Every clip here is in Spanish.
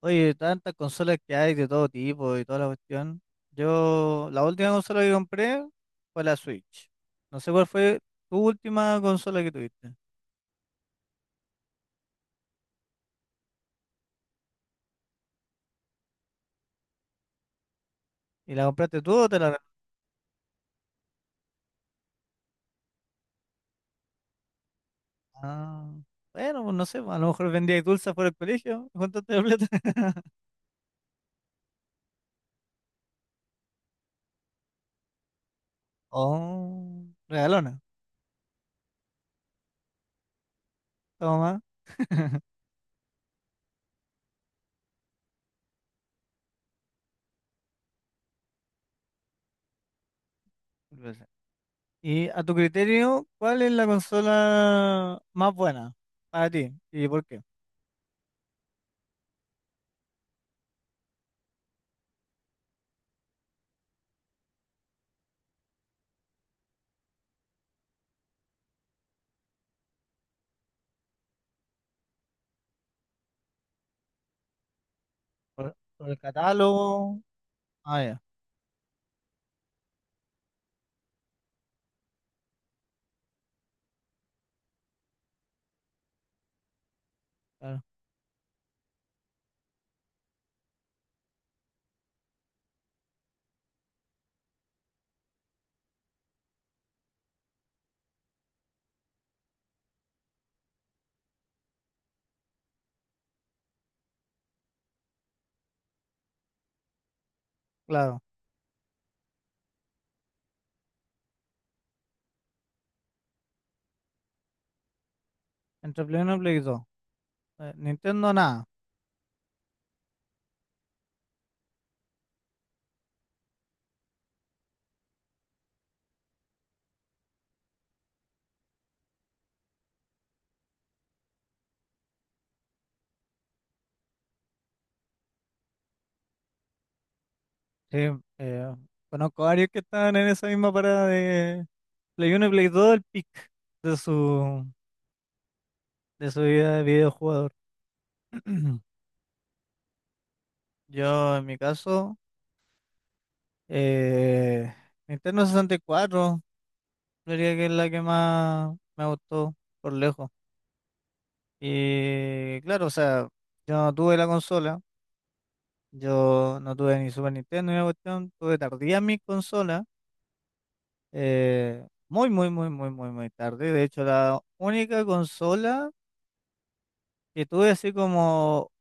Oye, tantas consolas que hay de todo tipo y toda la cuestión. Yo, la última consola que compré fue la Switch. No sé cuál fue tu última consola que tuviste. ¿Y la compraste tú o te la regalaron? Ah, bueno, pues no sé, a lo mejor vendías dulces por el colegio y juntaste la plata. Oh, regalona. Toma. Pues, y a tu criterio, ¿cuál es la consola más buena para ti? ¿Y por qué? ¿¿Por el catálogo? Ah, ya, claro. Claro. Entre Play 1 y Play 2. Nintendo nada. Sí, eh, conozco varios que estaban en esa misma parada de Play 1 y Play 2 del pic de su, de su vida de videojugador. Yo en mi caso, eh, Nintendo 64, diría que es la que más me gustó por lejos. Y claro, o sea, yo no tuve la consola, yo no tuve ni Super Nintendo ni la cuestión, tuve tardía mi consola muy, muy, muy, muy, muy, muy tarde. De hecho, la única consola que tuve así como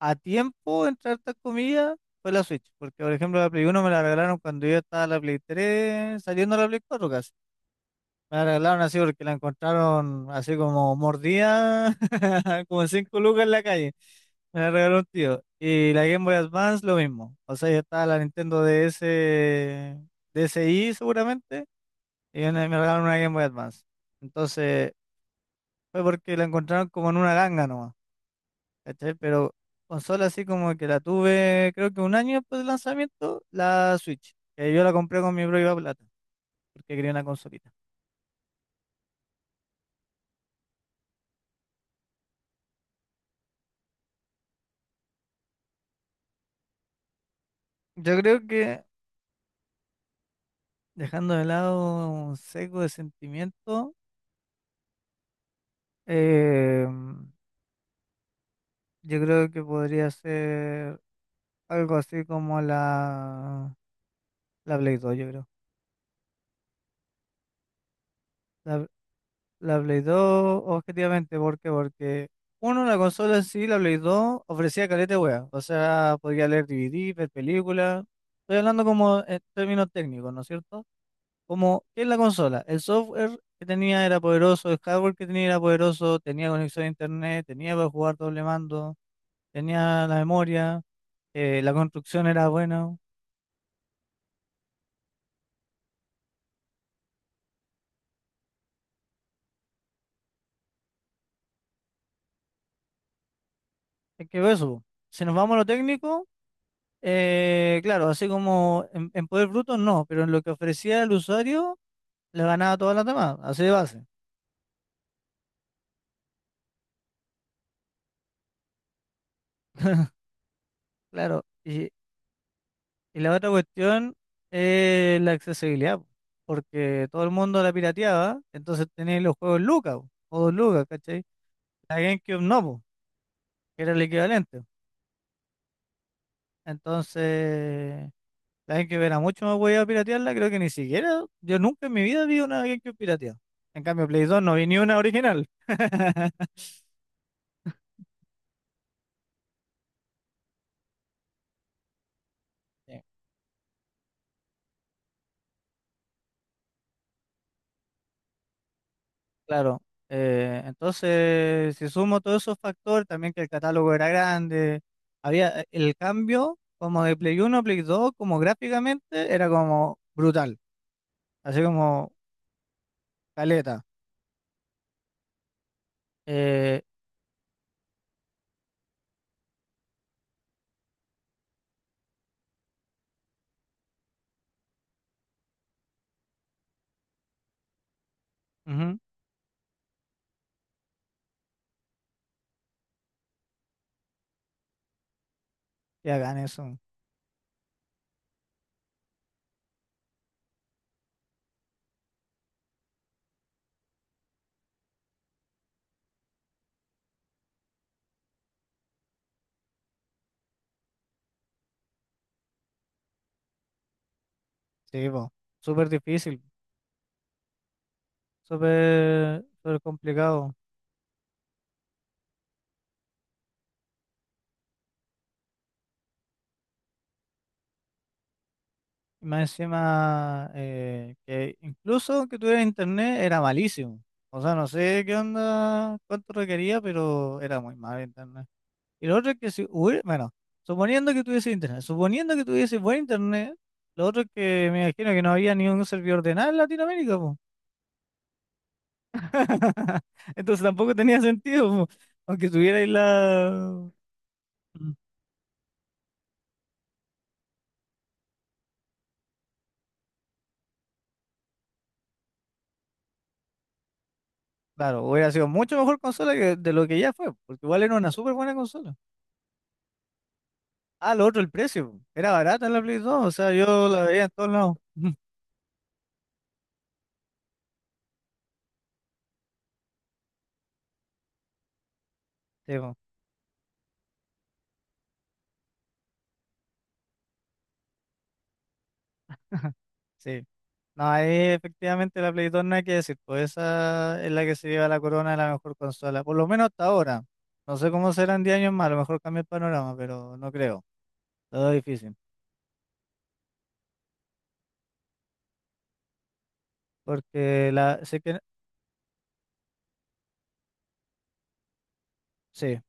a tiempo, entre hartas comillas, fue la Switch. Porque, por ejemplo, la Play uno me la regalaron cuando yo estaba en la Play tres saliendo a la Play cuatro casi. Me la regalaron así porque la encontraron así como mordida, como cinco lucas en la calle. Me la regaló un tío. Y la Game Boy Advance, lo mismo. O sea, ya estaba la Nintendo DS, DSi seguramente y me regalaron una Game Boy Advance. Entonces, fue porque la encontraron como en una ganga nomás, ¿cachai? Pero consola así como que la tuve, creo que un año después del lanzamiento, la Switch, que yo la compré con mi propia plata, porque quería una consolita. Yo creo que, dejando de lado un seco de sentimiento, eh, yo creo que podría ser algo así como la Play 2, yo creo. La, La Play 2, objetivamente, ¿por qué? Porque, uno, la consola en sí, la Play 2, ofrecía caleta de wea. O sea, podía leer DVD, ver películas. Estoy hablando como en términos técnicos, ¿no es cierto? Como, ¿qué es la consola? El software que tenía era poderoso, el hardware que tenía era poderoso, tenía conexión a internet, tenía para jugar doble mando, tenía la memoria, la construcción era buena. Es que eso, si nos vamos a lo técnico, claro, así como en poder bruto no, pero en lo que ofrecía el usuario le ganaba a todas las demás, así de base, claro. Y la otra cuestión es la accesibilidad, po, porque todo el mundo la pirateaba, entonces tenéis los juegos Lucas, po, o dos Lucas, ¿cachai? La GameCube no, po, que era el equivalente. Entonces, la GameCube era mucho más a piratearla, creo que ni siquiera, yo nunca en mi vida vi una GameCube pirateada. En cambio, Play 2 no vi ni una original. Claro, entonces si sumo todos esos factores, también que el catálogo era grande, había el cambio como de Play uno, a Play 2, como gráficamente, era como brutal, así como caleta. Eh, ujú, y hagan eso, sí, po, súper difícil, súper súper complicado. Y más encima, que incluso que tuviera internet era malísimo. O sea, no sé qué onda, cuánto requería, pero era muy mal. Y lo otro es que si hubiera, bueno, suponiendo que tuviese internet, suponiendo que tuviese buen internet, lo otro es que me imagino que no había ni un servidor de nada en Latinoamérica, po. Entonces tampoco tenía sentido, po. Aunque tuviera ahí la... Mm. Claro, hubiera sido mucho mejor consola que de lo que ya fue, porque igual era una súper buena consola. Ah, lo otro, el precio, po. Era barata la Play 2, o sea, yo la veía en todos lados. Sí, po. Sí. No, ahí efectivamente la Play 2 no hay que decir, pues esa es la que se lleva la corona de la mejor consola, por lo menos hasta ahora. No sé cómo serán 10 años más, a lo mejor cambia el panorama, pero no creo, lo veo difícil. Porque la, sé que, sí,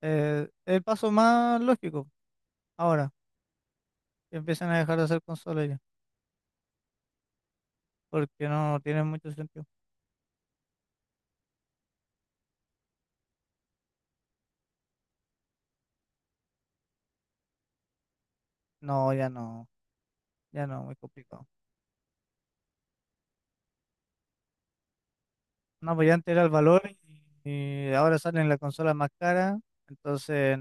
el paso más lógico ahora, que empiezan a dejar de hacer consolas ya, porque no tienen mucho sentido. No, ya no, ya no, muy complicado. No, pues ya antes era el valor y, ahora salen las consolas más caras, entonces...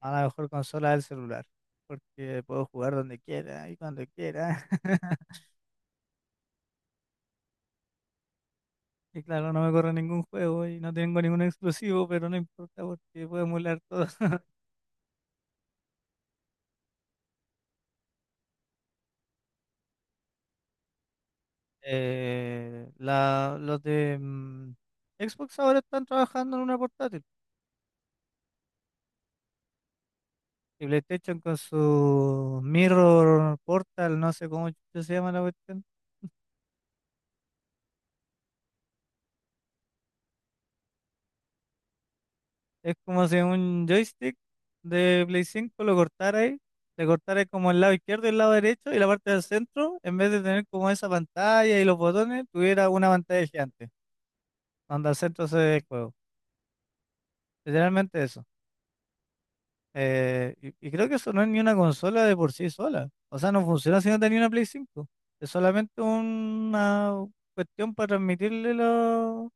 A la mejor consola del celular, porque puedo jugar donde quiera y cuando quiera. Y claro, no me corre ningún juego y no tengo ningún exclusivo, pero no importa porque puedo emular todo. Los de Xbox ahora están trabajando en una portátil. Y PlayStation con su Mirror Portal, no sé cómo chucha se llama la cuestión. Es como si un joystick de Play 5 lo cortara ahí, le cortara como el lado izquierdo y el lado derecho y la parte del centro, en vez de tener como esa pantalla y los botones, tuviera una pantalla gigante, donde al centro se ve el juego. Literalmente eso. Eh, y, creo que eso no es ni una consola de por sí sola. O sea, no funciona si no tenía una Play 5. Es solamente una cuestión para transmitirle lo,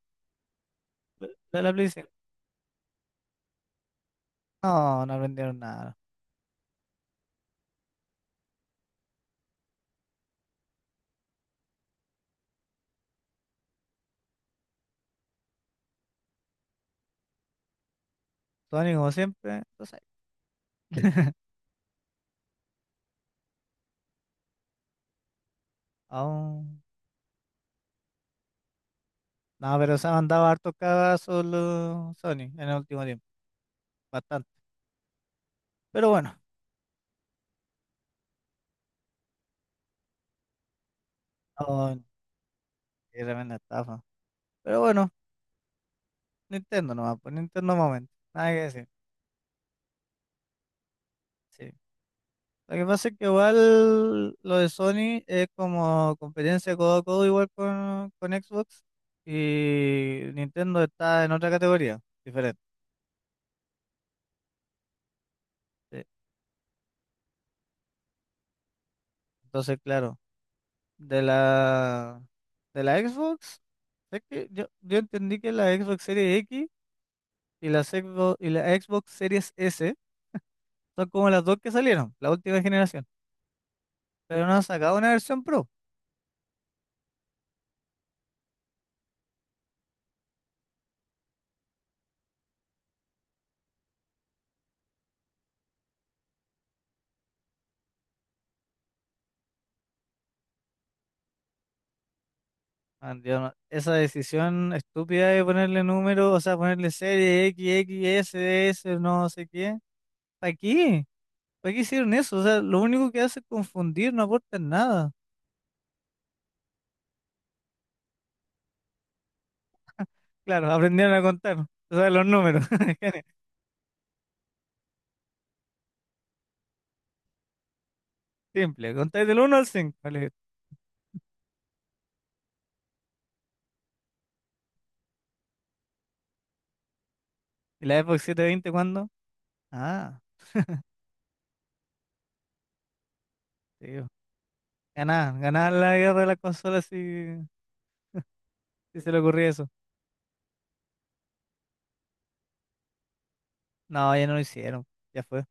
la, la Play 5. No, no aprendieron nada. Sony como siempre, entonces, aún... No, pero se han mandado hartos cagazos los Sony en el último tiempo, bastante. Pero bueno, no, qué tremenda estafa. Pero bueno, Nintendo nomás, pues Nintendo momento, nada que decir. Sí. Lo que pasa es que igual lo de Sony es como competencia codo a codo igual con Xbox y Nintendo está en otra categoría, diferente. Sí. Entonces, claro, de la, de la Xbox, es que yo entendí que la Xbox Series X y y la Xbox Series S son como las dos que salieron, la última generación, pero no han sacado una versión Pro. Man, yo no- esa decisión estúpida de ponerle número, o sea, ponerle serie X, X, S, S, no sé qué. ¿Para qué? ¿Para qué hicieron eso? O sea, lo único que hace es confundir, no aportan nada. Claro, aprendieron a contar, o sea, los números. Genial. Simple, contáis del uno al cinco vale. ¿Y la Xbox 720 cuándo? Ah, tío. Ganar, ganar la guerra de las consolas y si se le ocurría eso. No, ya no lo hicieron. Ya fue.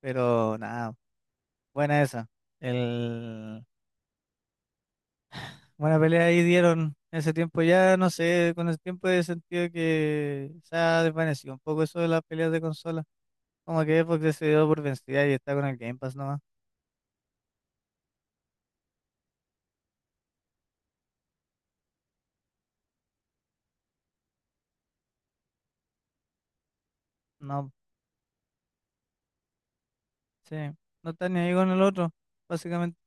Pero nada, buena esa. El... Buena pelea ahí dieron. En ese tiempo ya, no sé, con el tiempo he sentido que se ha desvanecido un poco eso de las peleas de consola. Como que Xbox se dio por vencida y está con el Game Pass nomás. No, sí. No está ni ahí con el otro, básicamente.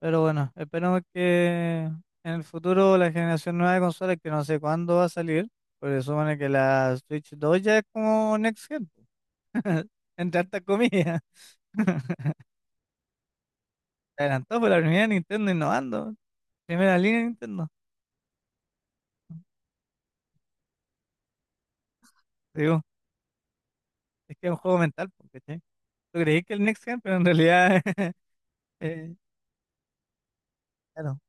Pero bueno, esperemos que en el futuro la generación nueva de consolas, que no sé cuándo va a salir, porque supone que la Switch 2 ya es como Next Gen. Entre hartas comillas. Se adelantó por la primera Nintendo innovando. Primera línea de Nintendo. Te digo, es que es un juego mental, porque tú creí que el Next Gen, pero en realidad. eh, claro,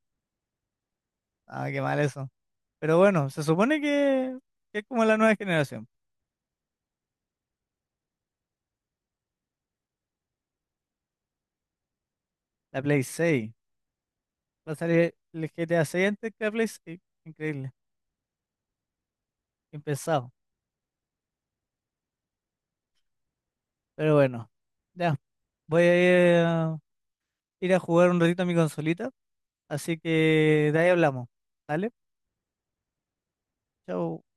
ah, qué mal eso. Pero bueno, se supone que, es como la nueva generación. La Play 6. Va a salir el G GTA 6 antes que la Play 6. Increíble. Impensado. Pero bueno, ya. Voy a ir a jugar un ratito a mi consolita. Así que de ahí hablamos. ¿Vale? Chao.